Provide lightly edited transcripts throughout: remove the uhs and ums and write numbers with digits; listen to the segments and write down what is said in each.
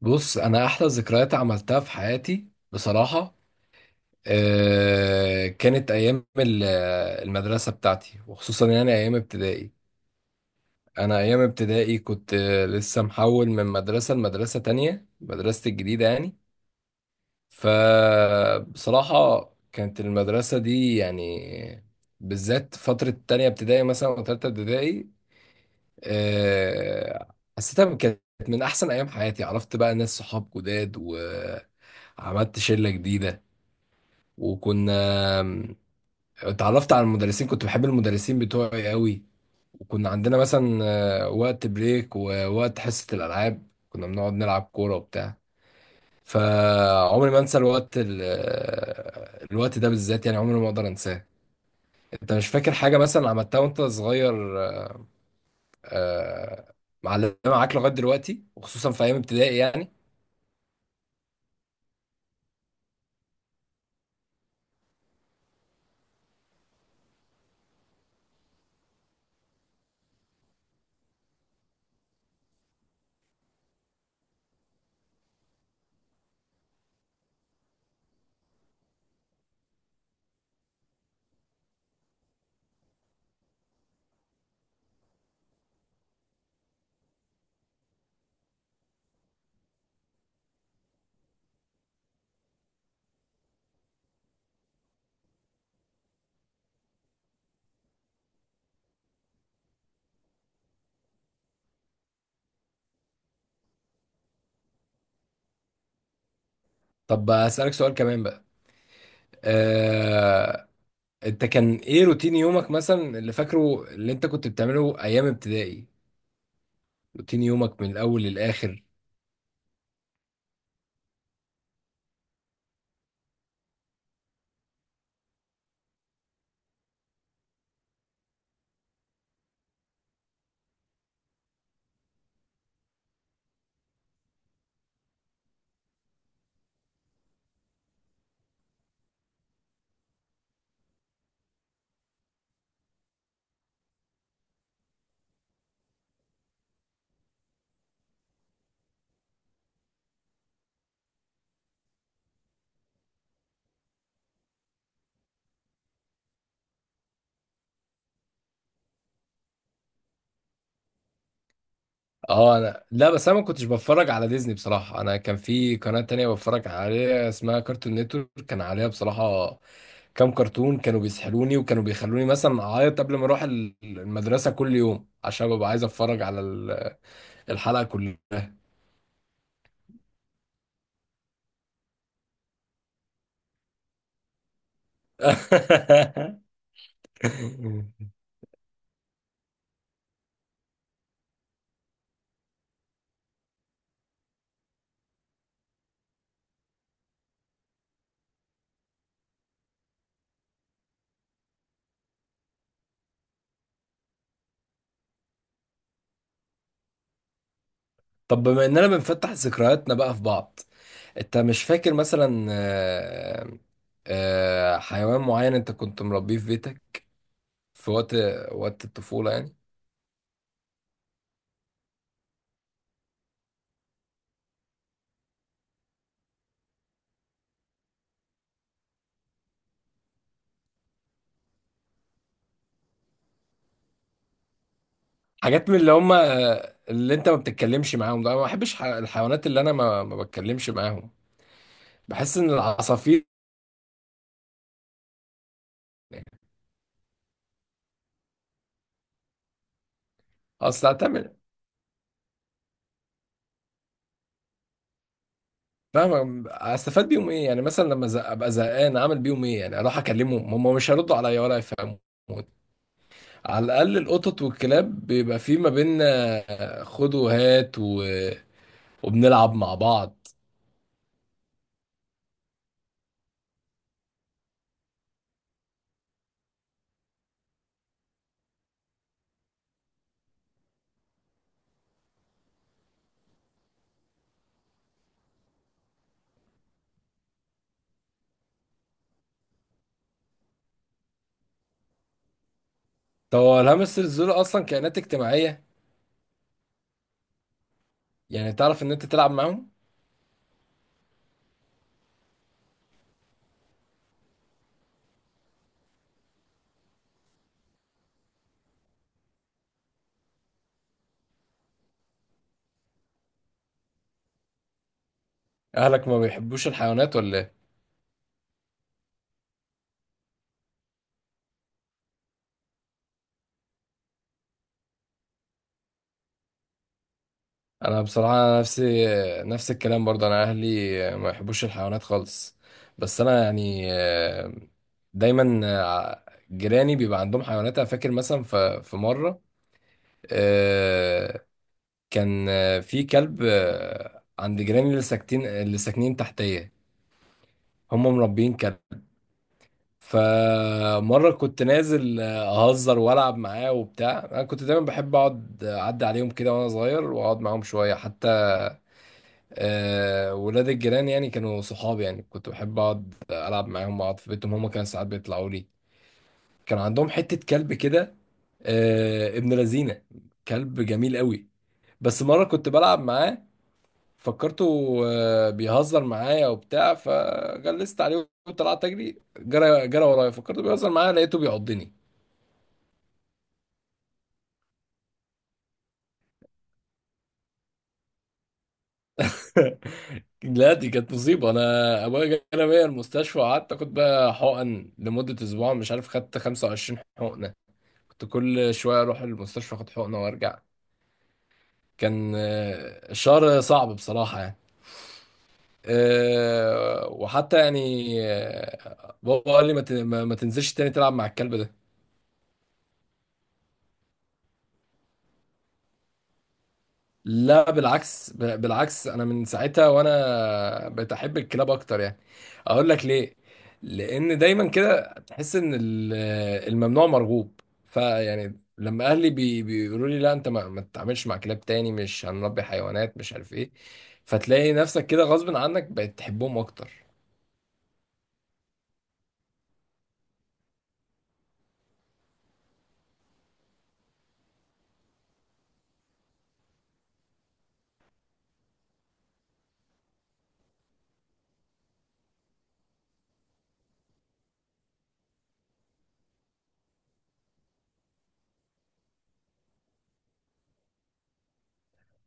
بص انا احلى ذكريات عملتها في حياتي بصراحه. كانت ايام المدرسه بتاعتي وخصوصا يعني ايام ابتدائي. انا ايام ابتدائي كنت لسه محول من مدرسه لمدرسه تانية، مدرستي الجديده يعني. فبصراحه، كانت المدرسه دي يعني بالذات فتره تانية ابتدائي مثلا وتالتة ابتدائي حسيتها كانت من احسن ايام حياتي. عرفت بقى ناس صحاب جداد، و عملت شلة جديدة. وكنا آم، اتعرفت على المدرسين، كنت بحب المدرسين بتوعي قوي. وكنا عندنا مثلا وقت بريك ووقت حصة الألعاب، كنا بنقعد نلعب كورة وبتاع. فعمري ما انسى الوقت الوقت ده بالذات يعني، عمري ما اقدر انساه. انت مش فاكر حاجة مثلا عملتها وانت صغير؟ آه، معلمة معاك لغاية دلوقتي وخصوصا في ايام ابتدائي يعني؟ طب اسألك سؤال كمان بقى. آه، انت كان ايه روتين يومك مثلا اللي فاكره اللي انت كنت بتعمله ايام ابتدائي؟ روتين يومك من الاول للاخر؟ اه، انا لا، بس انا ما كنتش بتفرج على ديزني بصراحة. انا كان في قناة تانية بتفرج عليها اسمها كارتون نتورك، كان عليها بصراحة كام كرتون كانوا بيسحلوني وكانوا بيخلوني مثلا اعيط قبل ما اروح المدرسة كل يوم عشان ببقى عايز اتفرج على الحلقة كلها. طب بما اننا بنفتح ذكرياتنا بقى في بعض، انت مش فاكر مثلا حيوان معين انت كنت مربيه في بيتك في وقت الطفولة يعني؟ حاجات من اللي هم اللي انت ما بتتكلمش معاهم، ده انا ما بحبش الحيوانات اللي انا ما بتكلمش معاهم. بحس ان العصافير، اصل هتعمل؟ فاهم، استفاد بيهم ايه يعني؟ مثلا لما ابقى زهقان، اعمل بيهم ايه يعني؟ اروح اكلمهم هم مش هيردوا عليا ولا يفهموا. على الاقل القطط والكلاب بيبقى في ما بيننا خد وهات، و... وبنلعب مع بعض. طب هو الهامسترز دول اصلا كائنات اجتماعيه؟ يعني تعرف ان انت تلعب معاهم؟ اهلك ما بيحبوش الحيوانات ولا ايه؟ انا بصراحه نفسي نفس الكلام برضه، انا اهلي ما يحبوش الحيوانات خالص. بس انا يعني دايما جيراني بيبقى عندهم حيوانات. انا فاكر مثلا في مره آه، كان في كلب عند جيراني اللي ساكتين، اللي ساكنين تحتيه، هم مربيين كلب. فمرة كنت نازل أهزر وألعب معاه وبتاع. أنا كنت دايما بحب أقعد أعدي عليهم كده وأنا صغير وأقعد معاهم شوية، حتى ولاد الجيران يعني كانوا صحابي، يعني كنت بحب أقعد ألعب معاهم أقعد في بيتهم، هما كانوا ساعات بيطلعوا لي. كان عندهم حتة كلب كده ابن لذينة، كلب جميل قوي. بس مرة كنت بلعب معاه، فكرته بيهزر معايا وبتاع، فجلست عليه وطلعت أجري، جرى جرى ورايا، فكرته بيهزر معايا، لقيته بيعضني. لا، دي كانت مصيبة. أنا أبويا جانا بيا المستشفى وقعدت آخد بقى حقن لمدة أسبوع، مش عارف خدت 25 حقنة. كنت كل شوية أروح المستشفى أخد حقنة وأرجع. كان الشهر صعب بصراحة يعني. وحتى يعني بابا قال لي ما ت- ما- ما تنزلش تاني تلعب مع الكلب. لا بالعكس، بالعكس انا من ساعتها وانا بقيت احب الكلاب اكتر يعني. اقول لك ليه؟ لان دايما كده تحس ان الممنوع مرغوب، فيعني لما اهلي بيقولوا لي لا انت ما تتعاملش مع كلاب تاني، مش هنربي حيوانات، مش عارف ايه. فتلاقي نفسك كده غصب عنك بقيت تحبهم اكتر.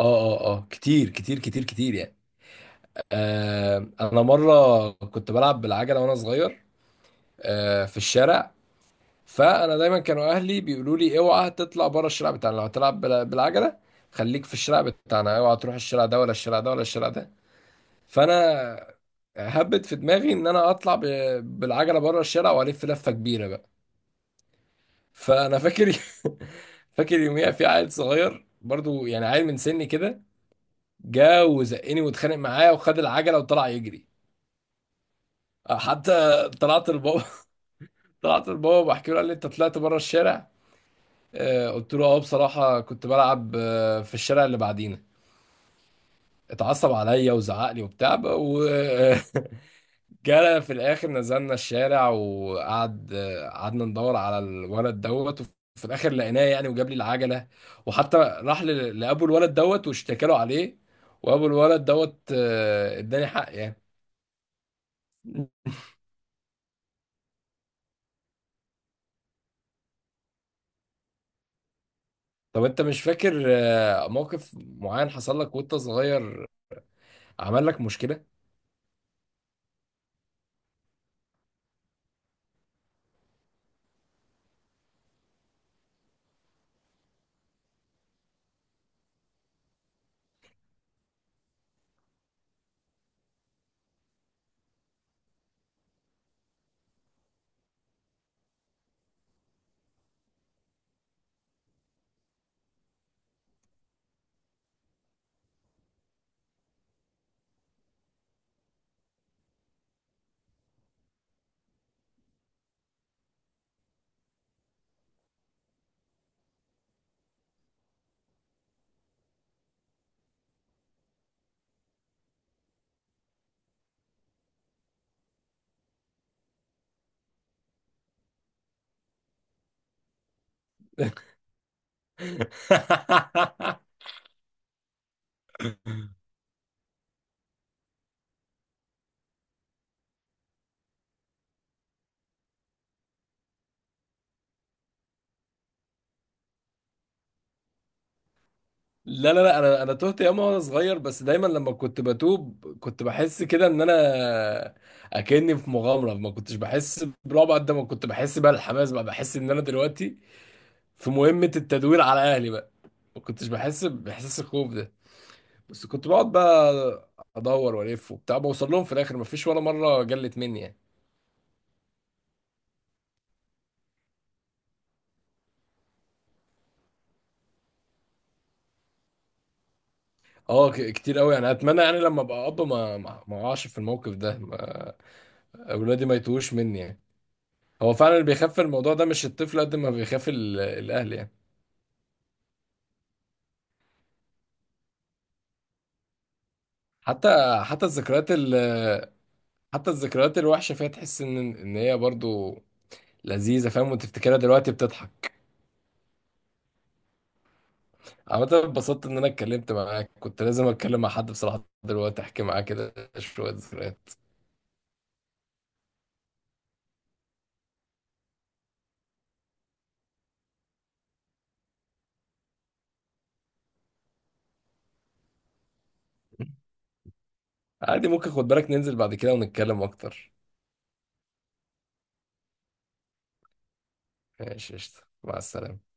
اه، كتير كتير كتير كتير يعني. انا مره كنت بلعب بالعجله وانا صغير في الشارع. فانا دايما كانوا اهلي بيقولوا لي اوعى تطلع بره الشارع بتاعنا لو هتلعب بالعجله. خليك في الشارع بتاعنا، اوعى تروح الشارع ده ولا الشارع ده ولا الشارع ده. فانا هبت في دماغي ان انا اطلع بالعجله بره الشارع والف لفه كبيره بقى. فانا فاكر، فاكر يوميها في عيل صغير برضو، يعني عيل من سني كده، جا وزقني واتخانق معايا وخد العجله وطلع يجري. حتى طلعت لبابا. طلعت لبابا بحكي له، قال لي انت طلعت بره الشارع؟ قلت له اه بصراحة كنت بلعب في الشارع اللي بعدينا. اتعصب عليا وزعق لي وبتاع وجرى. في الاخر نزلنا الشارع وقعد آه، قعدنا ندور على الولد دوت، وفي الاخر لقيناه يعني وجاب لي العجلة. وحتى راح لابو الولد دوت واشتكى له عليه. وابو الولد دوت اداني حق يعني. طب انت مش فاكر موقف معين حصل لك وانت صغير عمل لك مشكلة؟ لا لا لا، انا تهت ياما وانا صغير. بس دايما لما كنت بتوب كنت بحس كده ان انا اكني في مغامره، ما كنتش بحس برعب قد ما كنت بحس بقى الحماس، بقى بحس ان انا دلوقتي في مهمه التدوير على اهلي بقى. ما كنتش بحس باحساس الخوف ده. بس كنت بقعد بقى ادور والف وبتاع بوصل لهم في الاخر، ما فيش ولا مره جلت مني يعني. اه، كتير قوي يعني. اتمنى يعني لما ابقى ما اقعش في الموقف ده، اولادي ما يتوهوش مني يعني. هو فعلا اللي بيخاف الموضوع ده مش الطفل قد ما بيخاف الاهل يعني. حتى حتى الذكريات ال حتى الذكريات الوحشه فيها تحس ان هي برضو لذيذه، فاهم، وتفتكرها دلوقتي بتضحك. عامه اتبسطت ان انا اتكلمت معاك، كنت لازم اتكلم مع حد بصراحه دلوقتي احكي معاه كده شويه ذكريات. عادي، ممكن خد بالك ننزل بعد كده ونتكلم اكتر. ماشي قشطة. مع السلامه.